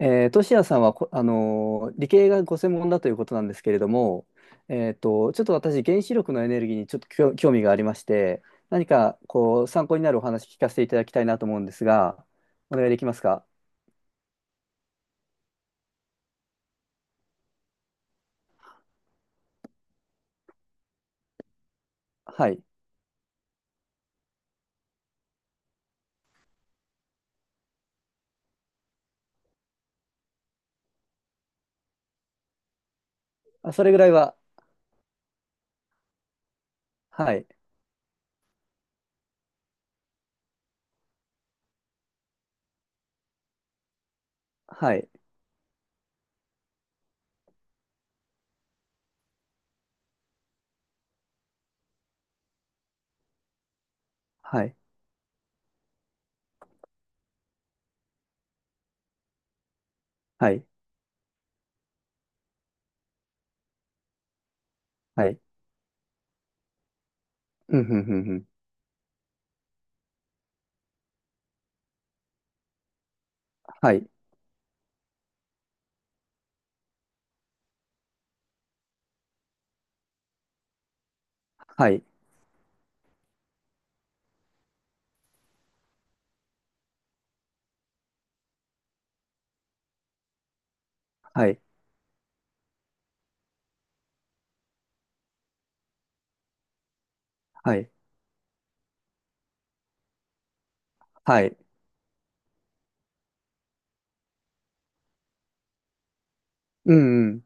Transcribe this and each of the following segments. トシヤさんは理系がご専門だということなんですけれども、ちょっと私、原子力のエネルギーにちょっと興味がありまして、何かこう参考になるお話聞かせていただきたいなと思うんですが、お願いできますか？はい。あ、それぐらいは、はい、はい、はい、はい、はい、うん、うん、うん、うん、はい、はい、はい、はい、はい、うん、うん、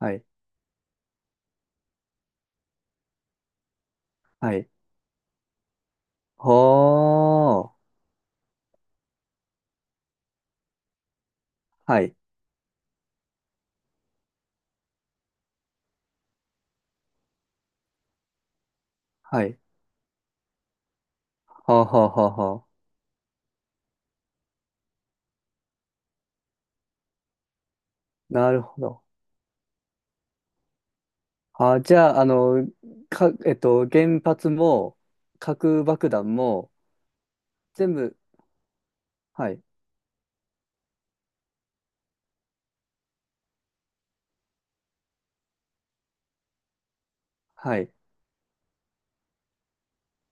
はい、はい、ほー、はい、はい、はあはあはあはあ、なるほど。あ、じゃあ、原発も、核爆弾も、全部、はい、はい、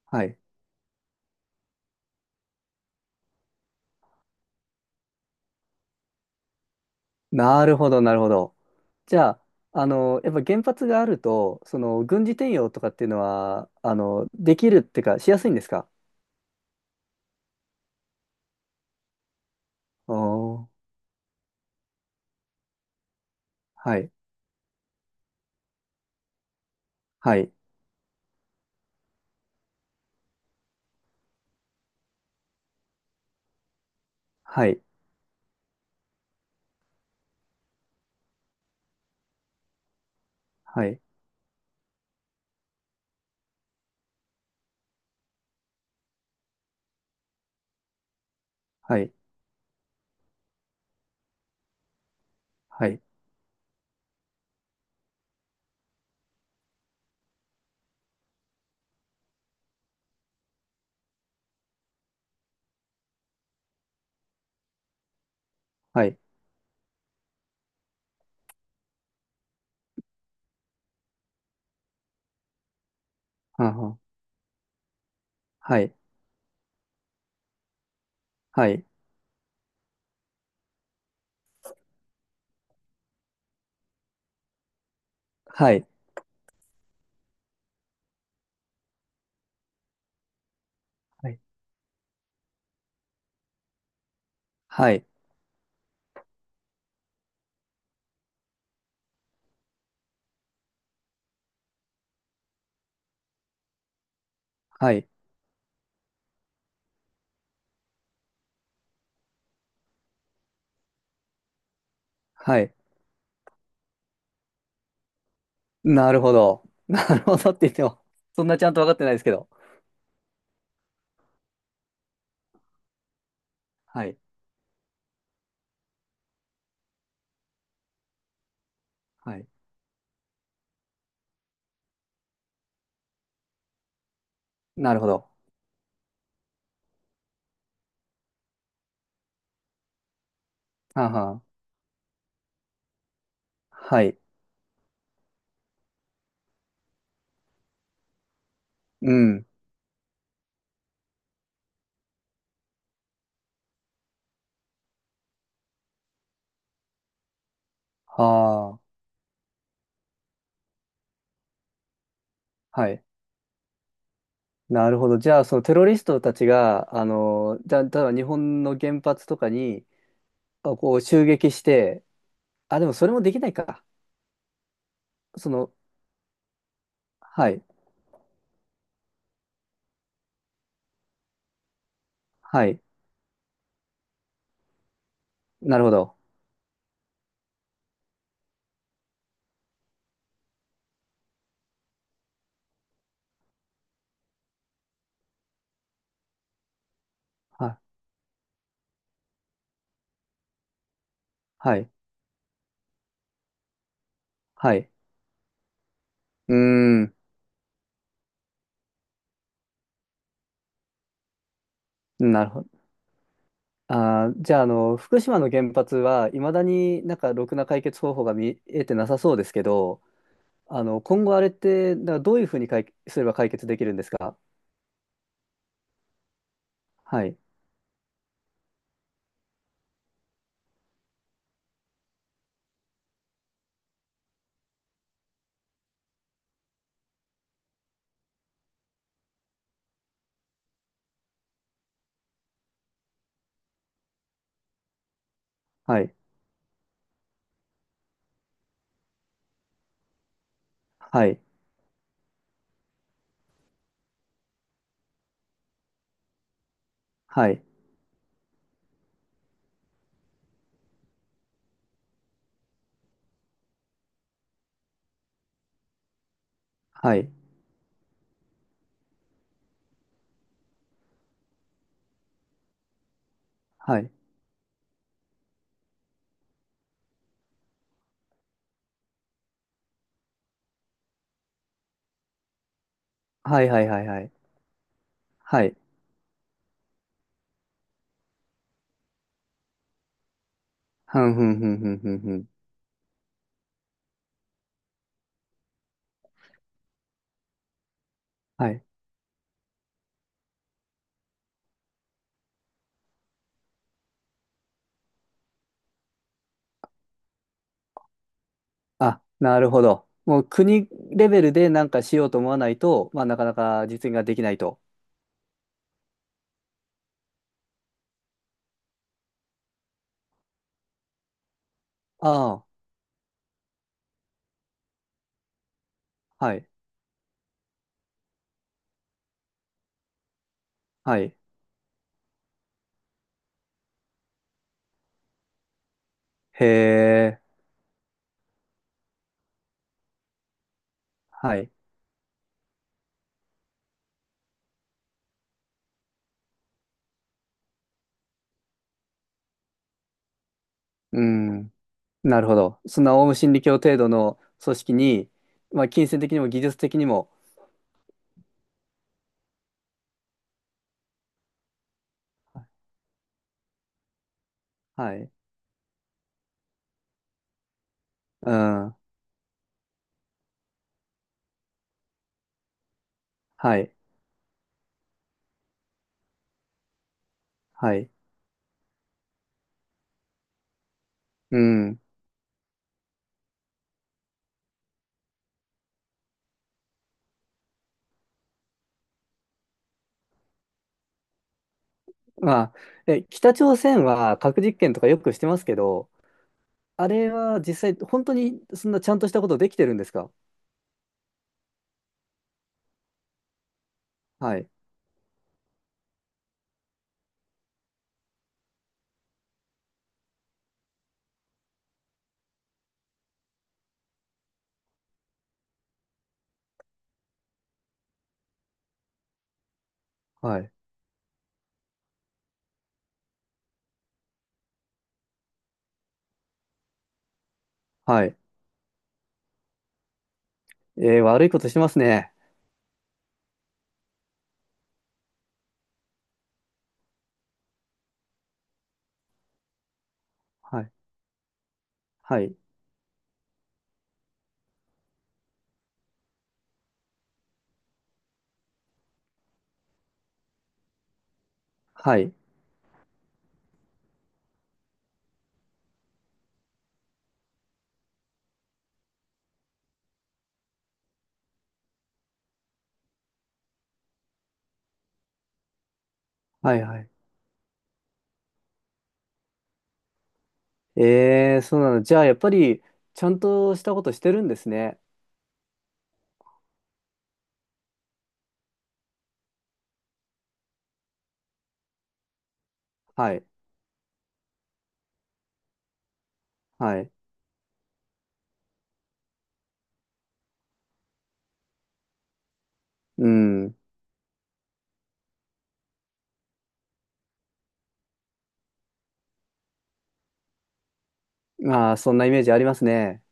はい。なるほど、なるほど。じゃあ、やっぱ原発があると、軍事転用とかっていうのは、できるってか、しやすいんですか？おー、はい、はい、はい、はい、はい、はい、はい、はんはん、はい、はい、はい、はい、はい、はい、はい、なるほど。なるほどって言っても、そんなちゃんと分かってないですけど。はい。はい。なるほど。はんはん。はい。うん。はあ。はい。なるほど。じゃあ、そのテロリストたちが、じゃあ、例えば日本の原発とかに、襲撃して、あ、でもそれもできないか。その、はい。はい。なるほど。は、はい。はい。うーん。なるほど。あー、じゃあ、福島の原発はいまだになんかろくな解決方法が見えてなさそうですけど、今後あれって、だからどういうふうに解すれば解決できるんですか？はい、はい、はい、はい、はい、はい、はい、はい、はい、はい、はい、ふんふんふんふんふんふん。はい。あ、なるほど。もう国レベルでなんかしようと思わないと、まあ、なかなか実現ができないと。ああ、はい、はい、へえ、はい、うん。なるほど。そんなオウム真理教程度の組織に、まあ、金銭的にも技術的にも、はい、うん、はい、はい、うん。まあ、北朝鮮は核実験とかよくしてますけど、あれは実際、本当にそんなちゃんとしたことできてるんですか？はい、はい、はい。えー悪いことしてますね。はい、はい、はい、はい、はい。えー、そうなの。じゃあ、やっぱり、ちゃんとしたことしてるんですね。はい、はい。うん。まあ、そんなイメージありますね。